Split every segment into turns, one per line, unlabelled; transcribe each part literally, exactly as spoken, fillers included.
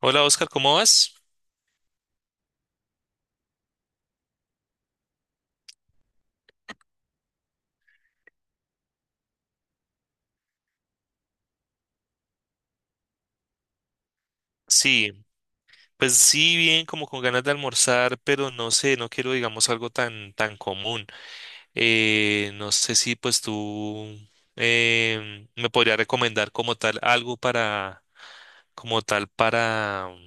Hola Oscar, ¿cómo vas? Sí, pues sí, bien, como con ganas de almorzar, pero no sé, no quiero, digamos, algo tan, tan común. Eh, no sé si pues tú em, me podría recomendar como tal algo para, como tal para um,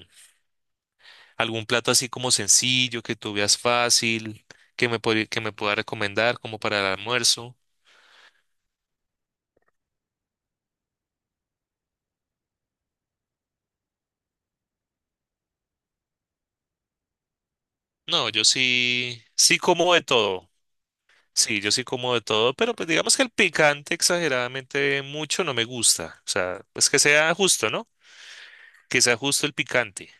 algún plato así como sencillo, que tú veas fácil, que me, podri- que me pueda recomendar como para el almuerzo. No, yo sí, sí como de todo. Sí, yo sí como de todo, pero pues digamos que el picante exageradamente mucho no me gusta. O sea, pues que sea justo, ¿no? Que sea justo el picante.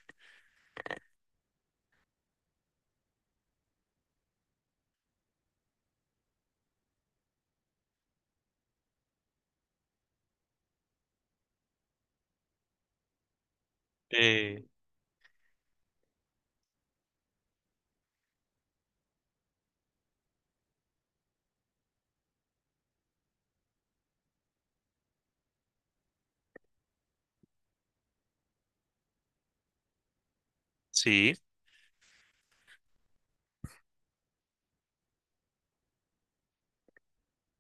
Eh, sí,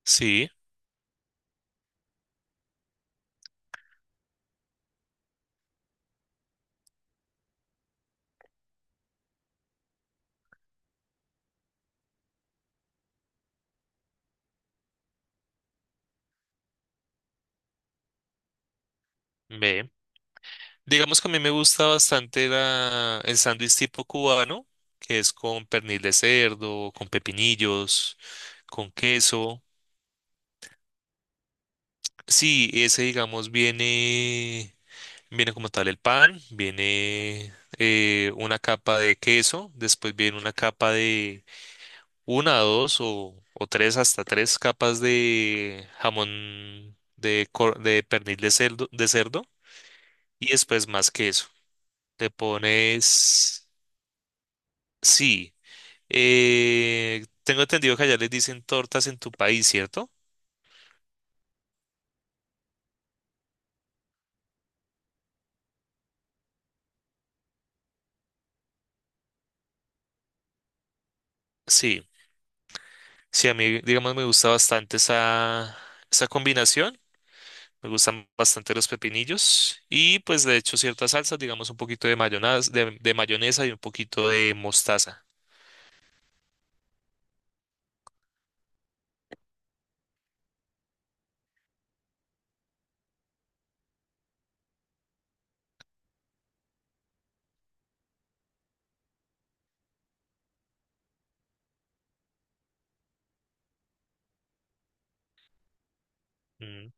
sí, ve. Digamos que a mí me gusta bastante la, el sándwich tipo cubano, que es con pernil de cerdo, con pepinillos, con queso. Sí, ese digamos viene, viene como tal el pan, viene eh, una capa de queso, después viene una capa de una, dos o, o tres, hasta tres capas de jamón de, cor- de pernil de cerdo, de cerdo y después más queso. Le pones, sí, eh, tengo entendido que allá les dicen tortas en tu país, ¿cierto? Sí, sí, a mí, digamos, me gusta bastante esa, esa combinación. Me gustan bastante los pepinillos y pues de hecho ciertas salsas, digamos un poquito de mayonesa, de, de mayonesa y un poquito de mostaza. Mm,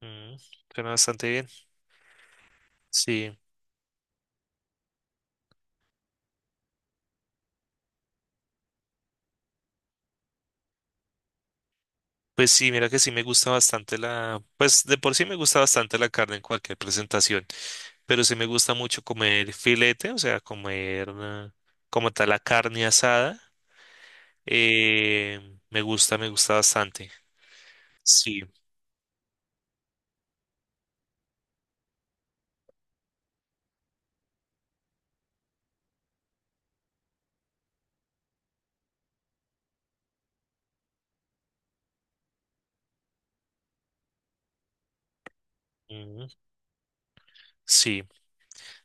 mm, suena bastante bien. Sí, pues sí, mira que sí me gusta bastante la, pues de por sí me gusta bastante la carne en cualquier presentación, pero sí me gusta mucho comer filete, o sea, comer eh, como tal la carne asada, eh, me gusta, me gusta bastante. Sí, ujú, sí.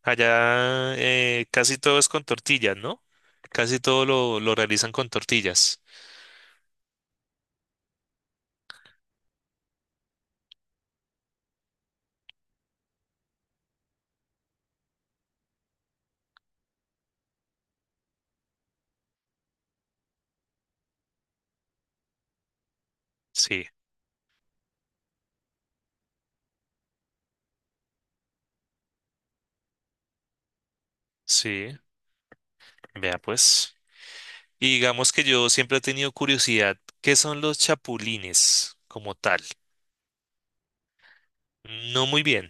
Allá eh, casi todo es con tortillas, ¿no? Casi todo lo, lo realizan con tortillas. Sí, sí, vea pues. Y digamos que yo siempre he tenido curiosidad, ¿qué son los chapulines como tal? No muy bien.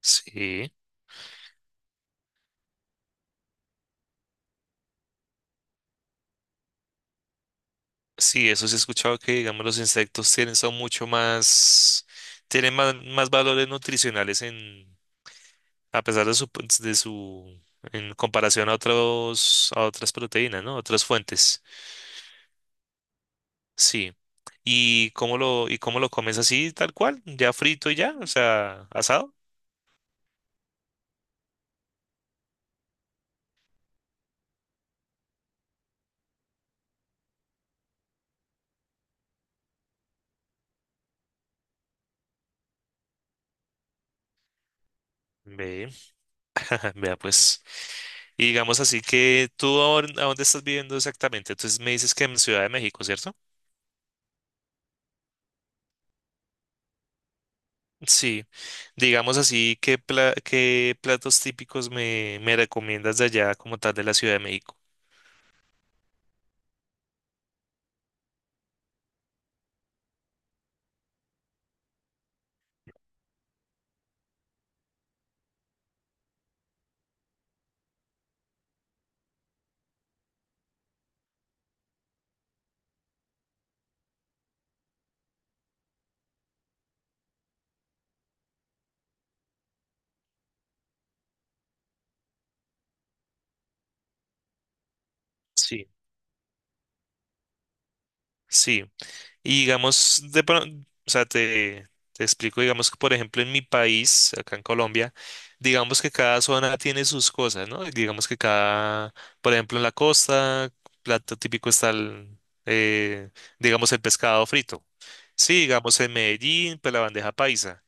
Sí, sí, eso sí he escuchado que, digamos, los insectos tienen, son mucho más, tienen más, más valores nutricionales en, a pesar de su, de su, en comparación a otros, a otras proteínas, ¿no? Otras fuentes. Sí. ¿Y cómo lo, y cómo lo comes así, tal cual? ¿Ya frito y ya? O sea, asado. Ve, vea pues. Y digamos así que tú ahora- a dónde estás viviendo exactamente. Entonces me dices que en Ciudad de México, ¿cierto? Sí. Digamos así, ¿qué, pla- qué platos típicos me, me recomiendas de allá como tal de la Ciudad de México? Sí. Sí. Y digamos, de, pro- o sea, te, te explico, digamos que por ejemplo en mi país, acá en Colombia, digamos que cada zona tiene sus cosas, ¿no? Digamos que cada, por ejemplo en la costa, plato típico está el, eh, digamos el pescado frito. Sí, digamos en Medellín, pues la bandeja paisa.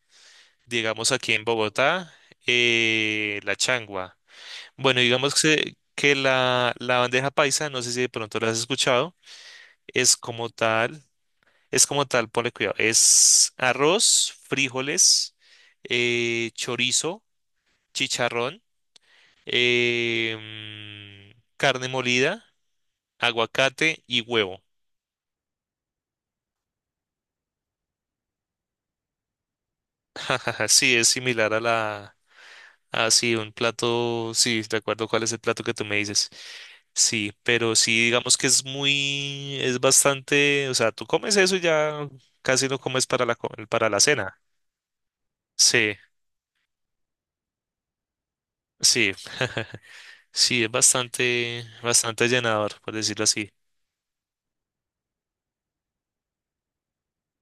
Digamos aquí en Bogotá, eh, la changua. Bueno, digamos que, que la, la bandeja paisa, no sé si de pronto la has escuchado, es como tal. Es como tal, ponle cuidado. Es arroz, frijoles, eh, chorizo, chicharrón, eh, mm, carne molida, aguacate y huevo. Jajaja, sí, es similar a la... Ah, sí, un plato... Sí, de acuerdo cuál es el plato que tú me dices. Sí, pero sí, digamos que es muy... Es bastante... O sea, tú comes eso y ya casi no comes para la, co- para la cena. Sí, sí. Sí, es bastante, bastante llenador, por decirlo así.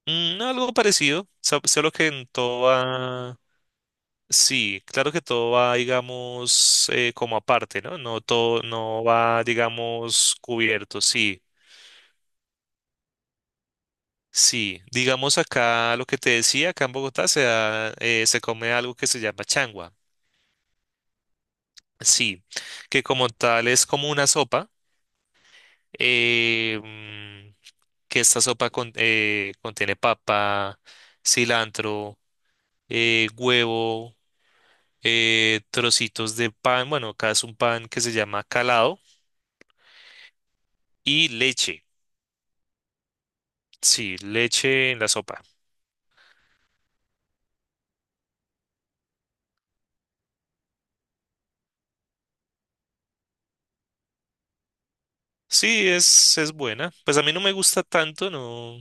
Mm, algo parecido, so- solo que en todo va, sí, claro que todo va, digamos, eh, como aparte, ¿no? No todo, no va, digamos, cubierto, sí, sí. Digamos acá lo que te decía, acá en Bogotá se da, eh, se come algo que se llama changua, sí, que como tal es como una sopa, eh, mm, que esta sopa con- eh, contiene papa, cilantro eh, huevo, eh, trocitos de pan, bueno, acá es un pan que se llama calado y leche. Sí, leche en la sopa. Sí, es, es buena. Pues a mí no me gusta tanto, no,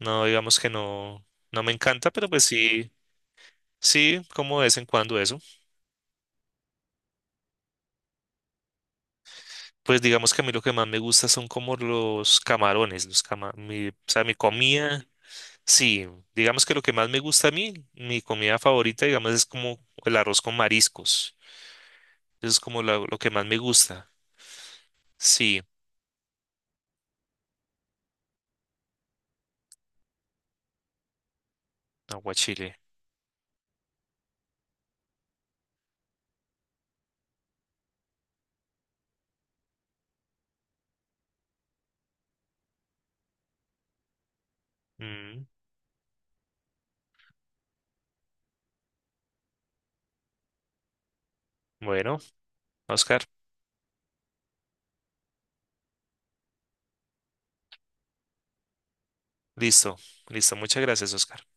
no, digamos que no, no me encanta, pero pues sí, sí, como de vez en cuando eso. Pues digamos que a mí lo que más me gusta son como los camarones, los cama, mi, o sea, mi comida. Sí, digamos que lo que más me gusta a mí, mi comida favorita, digamos, es como el arroz con mariscos. Eso es como lo, lo que más me gusta. Sí, aguachile. Mm, bueno, Oscar, listo, listo. Muchas gracias, Oscar.